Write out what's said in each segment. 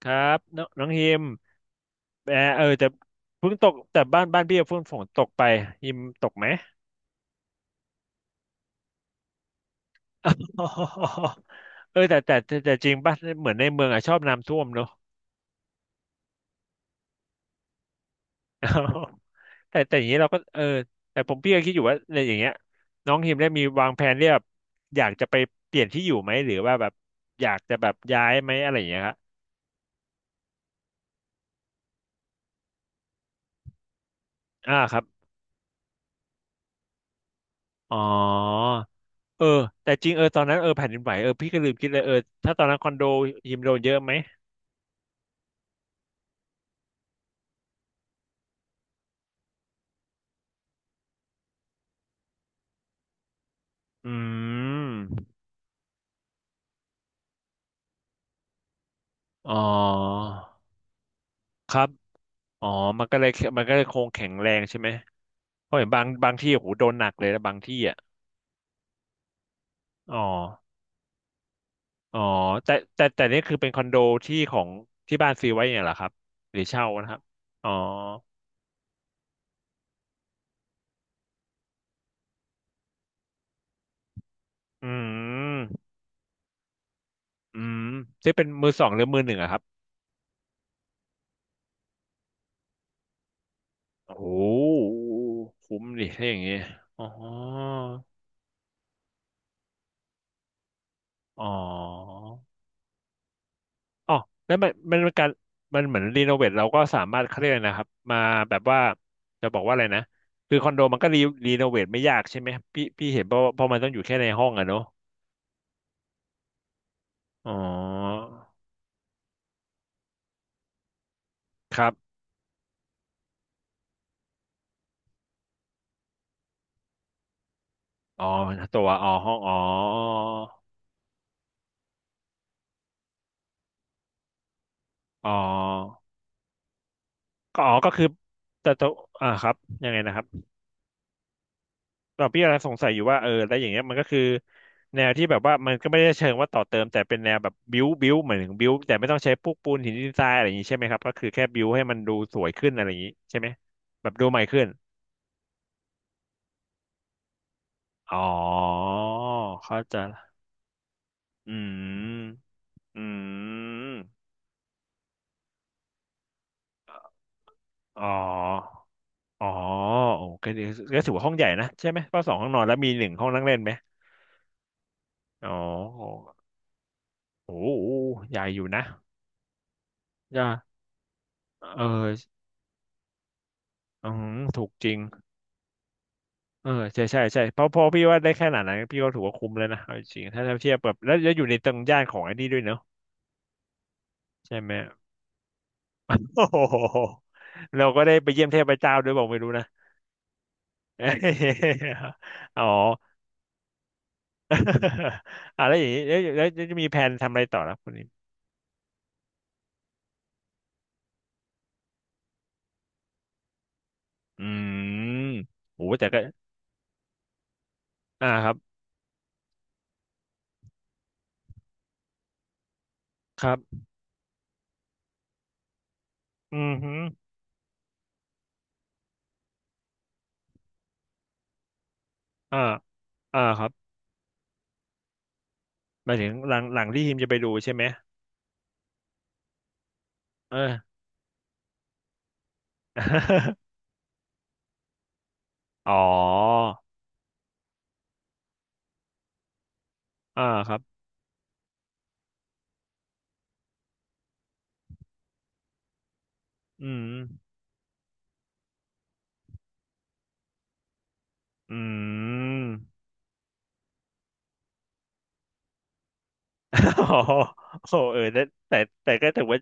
ครับน้องน้องฮิมเออแต่เพิ่งตกแต่บ้านบ้านพี่เพิ่งฝนตกไปฮิมตกไหม เออแต่จริงป่ะเหมือนในเมืองอะชอบน้ำท่วมเนอะ แต่อย่างนี้เราก็แต่ผมพี่ก็คิดอยู่ว่าในอย่างเงี้ยน้องฮิมได้มีวางแผนเรียบอยากจะไปเปลี่ยนที่อยู่ไหมหรือว่าแบบอยากจะแบบย้ายไหมอะไรอย่างเงี้ยครับอ่าครับอ๋อเออแต่จริงตอนนั้นแผ่นดินไหวพี่ก็ลืมคิดเลยถ้าตอนนั้นคอนโดฮิมโดนเยอะไหมอืม อ๋อครับอ๋อมันก็เลยมันก็เลยคงแข็งแรงใช่ไหมเพราะเห็นบางบางที่โอ้โหโดนหนักเลยนะบางที่อ่ะอ๋ออ๋อแต่นี่คือเป็นคอนโดที่ของที่บ้านซื้อไว้เนี่ยเหรอครับหรือเช่านะครับอ๋ออืมอืมซื้อเป็นมือสองหรือมือหนึ่งอะครับโอ้โหคุ้มดิถ้าอย่างงี้อ๋ออ๋อ อ๋อแล้วมันเป็นการมันเหมือนรีโนเวทเราก็สามารถเขาเรียกอะไรนะครับมาแบบว่าจะบอกว่าอะไรนะคือคอนโดมันก็รีโนเวทไม่ยากใช่ไหมพี่เห็นเพราะมันต้องอยู่แค่ในห้องอะเนอะอ๋อครับอ๋อตัวอ๋อห้องอ๋ออ๋อก็อ๋อก็คือแต่ตัวอ่าครับยังไงนะครับ เราพี่กำลังสงสัยอยู่ว่าแล้วอย่างเงี้ยมันก็คือแนวที่แบบว่ามันก็ไม่ได้เชิงว่าต่อเติมแต่เป็นแนวแบบบิวเหมือนถึงบิวแต่ไม่ต้องใช้พวกปูนหินดินทรายอะไรอย่างงี้ใช่ไหมครับก็คือแค่บิวให้มันดูสวยขึ้นอะไรอย่างงี้ใช่ไหมแบบดูใหม่ขึ้นอ๋อเข้าใจละอืมอืมอ๋ออ๋อโอ้ก็ดีก็ถือว่าห้องใหญ่นะใช่ไหมก็สองห้องนอนแล้วมีหนึ่งห้องนั่งเล่นไหมอ๋อโอ้โหใหญ่อยู่นะย่าเอออืมถูกจริง เออใช่เพราะพี่ว่าได้แค่ขนาดนั้นพี่ก็ถือว่าคุ้มแล้วนะเอาจริงๆถ้าเทียบแบบแล้วอยู่ในตรงย่านของไอ้นี่ด้วยเนอะใช่ไหม โอ้โห เราก็ได้ไปเยี่ยมเทพเจ้าด้วยบอกไม่รู้นะ เอยอ๋อ อ่ะแล้วอย่างนี้แล้วจะมีแผนทำอะไรต่อแล้วคนนี้อืมโอ้แต่ก็อ่าครับครับอืมฮึอ่าอ่าครับหมายถึงหลังหลังที่ทีมจะไปดูใช่ไหมเออ อ๋ออ่าครับอืมอืม อ๋อโอ้แต่แต่ก็ถือว่า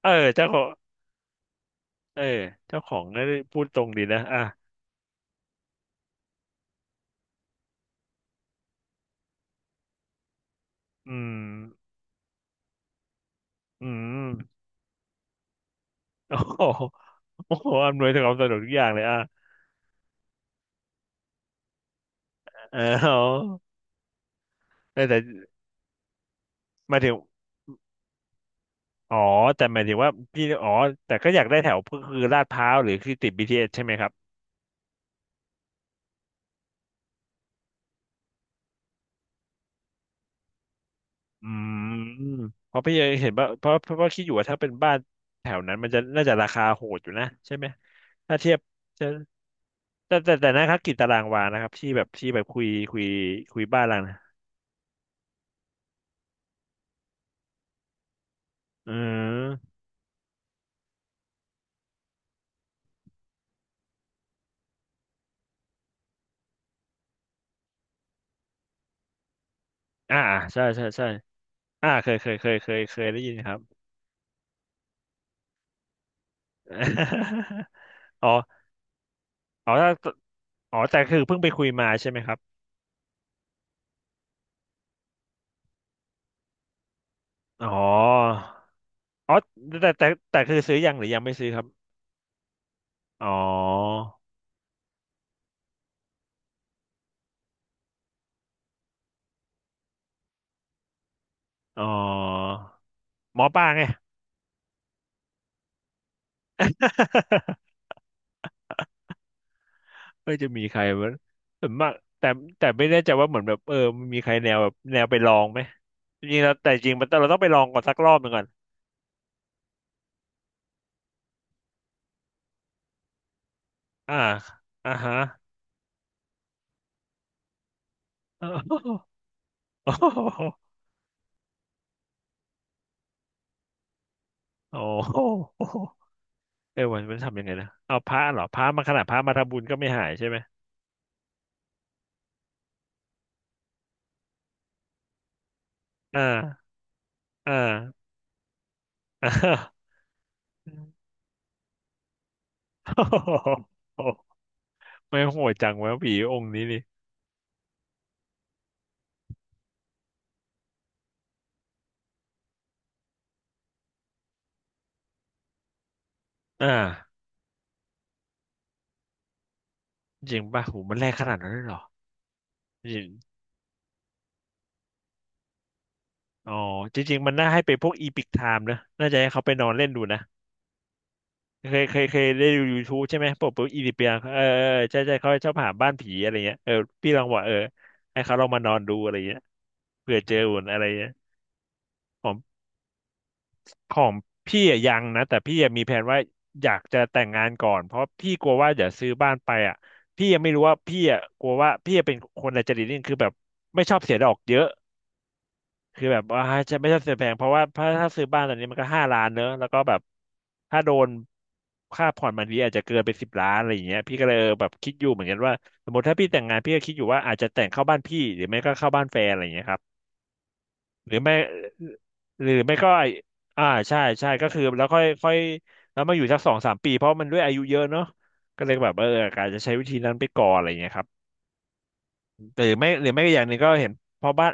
เออเจ้าของเออเจ้าของก็พูดตรงดีนะอ่ะอืมอืม โอ้โหโอ้โหอำนวยความสะดวกทุกอย่างเลยอ่ะเออเอาแต่หมายถึงอ๋อแต่หมายถึงว่าพี่อ๋อแต่ก็อยากได้แถวก็คือลาดพร้าวหรือคือติด BTS ใช่ไหมครับอืมเพราะพี่เห็นว่าเพราะว่าคิดอยู่ว่าถ้าเป็นบ้านแถวนั้นมันจะน่าจะราคาโหดอยู่นะใช่ไหมถ้าเทียบ แต่นะครับกิจตารางวานะครับที่แบบที่แบบคุยคุยบ้านหลังนะอืมอ่าใช่อ่าเคยได้ยินครับ อ๋ออ๋อถ้าอ๋อแต่คือเพิ่งไปคุยมาใช่ไหมครับอ๋ออ๋อแต่คือซื้อยังหรือยังไม่ซื้อครับอ๋ออ๋อหมอปลาไง เออจะมีใครมั้ยส่วนมากแต่แต่ไม่แน่ใจว่าเหมือนแบบมันมีใครแนวแบบแนวไปลองไหมจริงๆแล้วแต่จริงมันต้องเราต้องไปลองก่อนสักรอบหนึ่งก่อนอ่าอ่าฮะ โอ้โหโอ้โหเออมันมันทำยังไงนะเอาพระเหรอพระมาขนาดพระมาทำบุญก็ไม่หายใช่ไหมอ่าอ่าอ่า โอ้โหไม่โหดจังวะผีองค์นี้นี่อ่าจริงป่ะโหมันแรงขนาดนั้นเลยเหรอ อ๋อจริงๆมันน่าให้เป็นพวกอีพิกไทม์นะน่าจะให้เขาไปนอนเล่นดูนะเคยได้ดู YouTube ใช่ไหมพวกปุ๊บอีดิเปียเออเออใช่ใช่เขาชอบหาบ้านผีอะไรเงี้ยเออพี่ลองบอกเออให้เขาลองมานอนดูอะไรเงี้ยเผื่อเจออุ่นอะไรเงี้ยของของพี่อะยังนะแต่พี่ยังมีแผนว่าอยากจะแต่งงานก่อนเพราะพี่กลัวว่าเดี๋ยวซื้อบ้านไปอ่ะพี่ยังไม่รู้ว่าพี่อ่ะกลัวว่าพี่จะเป็นคนอัจฉริตนี่คือแบบไม่ชอบเสียดอกเยอะ คือแบบว่าจะไม่ใช่ซื้อแพงเพราะว่าถ้าซื้อบ้านตอนนี้มันก็5 ล้านเนอะแล้วก็แบบถ้าโดนค่าผ่อนบางทีอาจจะเกินไป10 ล้านอะไรอย่างเงี้ยพี่ก็เลยแบบคิดอยู่เหมือนกันว่าสมมติถ้าพี่แต่งงานพี่ก็คิดอยู่ว่าอาจจะแต่งเข้าบ้านพี่หรือไม่ก็เข้าบ้านแฟนอะไรอย่างเงี้ยครับหรือไม่หรือไม่ก็ไอ้อ่าใช่ใช่ก็คือแล้วค่อยค่อยแล้วมาอยู่สักสองสามปีเพราะมันด้วยอายุเยอะเนอะก็เลยแบบอาจจะใช้วิธีนั้นไปก่อนอะไรอย่างเงี้ยครับ หรือไม่ก็อย่างหนึ่งก็เห็นพ่อบ้าน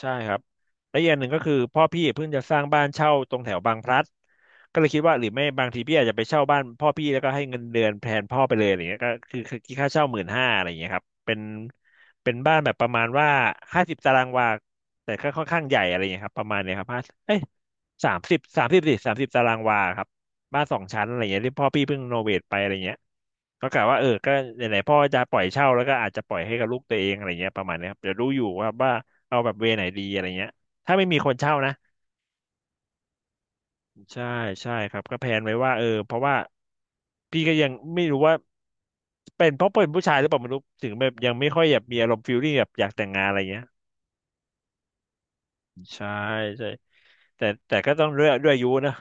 ใช่ครับและอย่างหนึ่งก็คือพ่อพี่เพิ่งจะสร้างบ้านเช่าตรงแถวบางพลัดก็เลยคิดว่าหรือไม่บางทีพี่อาจจะไปเช่าบ้านพ่อพี่แล้วก็ให้เงินเดือนแทนพ่อไปเลยอะไรเงี้ยก็คือคิดค่าเช่า15,000อะไรเงี้ยครับเป็นบ้านแบบประมาณว่า50 ตารางวาแต่ก็ค่อนข้างใหญ่อะไรเงี้ยครับประมาณเนี้ยครับห้าเอ้ยสามสิบตารางวาครับ บ้าน2 ชั้นอะไรเงี้ยที่พ่อพี่เพิ่งโนเวทไปอะไรเงี้ยก็กะว่าก็ไหนๆพ่อจะปล่อยเช่าแล้วก็อาจจะปล่อยให้กับลูกตัวเองอะไรเงี้ยประมาณเนี้ยครับเดี๋ยวดูอยู่ว่าเอาแบบเวไหนดีอะไรเงี้ยถ้าไม่มีคนเช่านะใช่ใช่ครับก็แพลนไว้ว่าเพราะว่าพี่ก็ยังไม่รู้ว่าเป็นเพราะเป็นผู้ชายหรือเปล่าไม่รู้ถึงแบบยังไม่ค่อยแบบมีอารมณ์ฟิลลิ่งแบบอยากแต่งงานอะไรเงี้ยใช่ใช่แต่ก็ต้องด้วยอายุนะ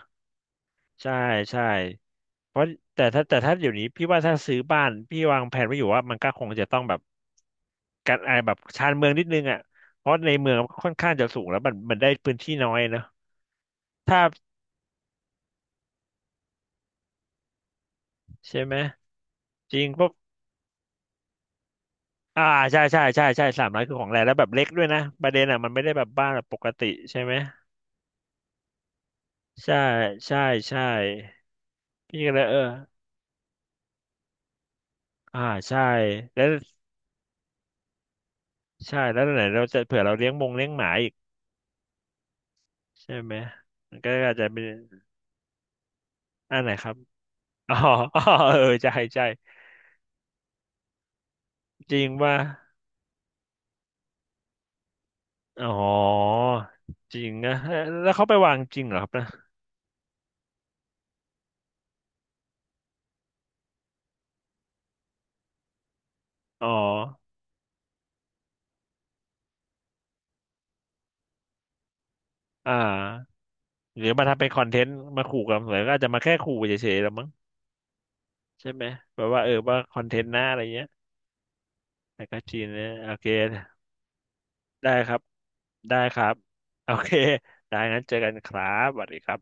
ใช่ใช่ เพราะแต่ถ้าแต่ถ้าอยู่นี้พี่ว่าถ้าซื้อบ้านพี่วางแผนไว้อยู่ว่ามันก็คงจะต้องแบบการไอแบบชานเมืองนิดนึงอ่ะเพราะในเมืองมันค่อนข้างจะสูงแล้วมันได้พื้นที่น้อยเนอะถ้าใช่ไหมจริงพวกอ่าใช่ใช่ใช่ใช่300คือของแรงแล้วแบบเล็กด้วยนะประเด็นอ่ะมันไม่ได้แบบบ้านแบบปกติใช่ไหมใช่ใช่ใช่พี่ก็เลยอ่าใช่แล้วใช่แล้วไหนเราจะเผื่อเราเลี้ยงมงเลี้ยงหมาอีกใช่ไหมมันก็อาจจะเป็นอันไหนครับ อ๋อ อ๋อเออใช่ใช่จริงป่ะอ๋อจริงนะเแล้วเขาไปวางจริงเหรอครับนะอ๋ออ่าหรือมาทำเป็นคอนเทนต์มาขู่กันหรือก็อาจจะมาแค่ขู่เฉยๆแลวมั้งใช่ไหมแบบว่าว่าคอนเทนต์หน้าอะไรเงี้ยแต่ก็จีนเนี่ยโอเคได้ครับได้ครับโอเคได้งั้นเจอกันครับสวัสดีครับ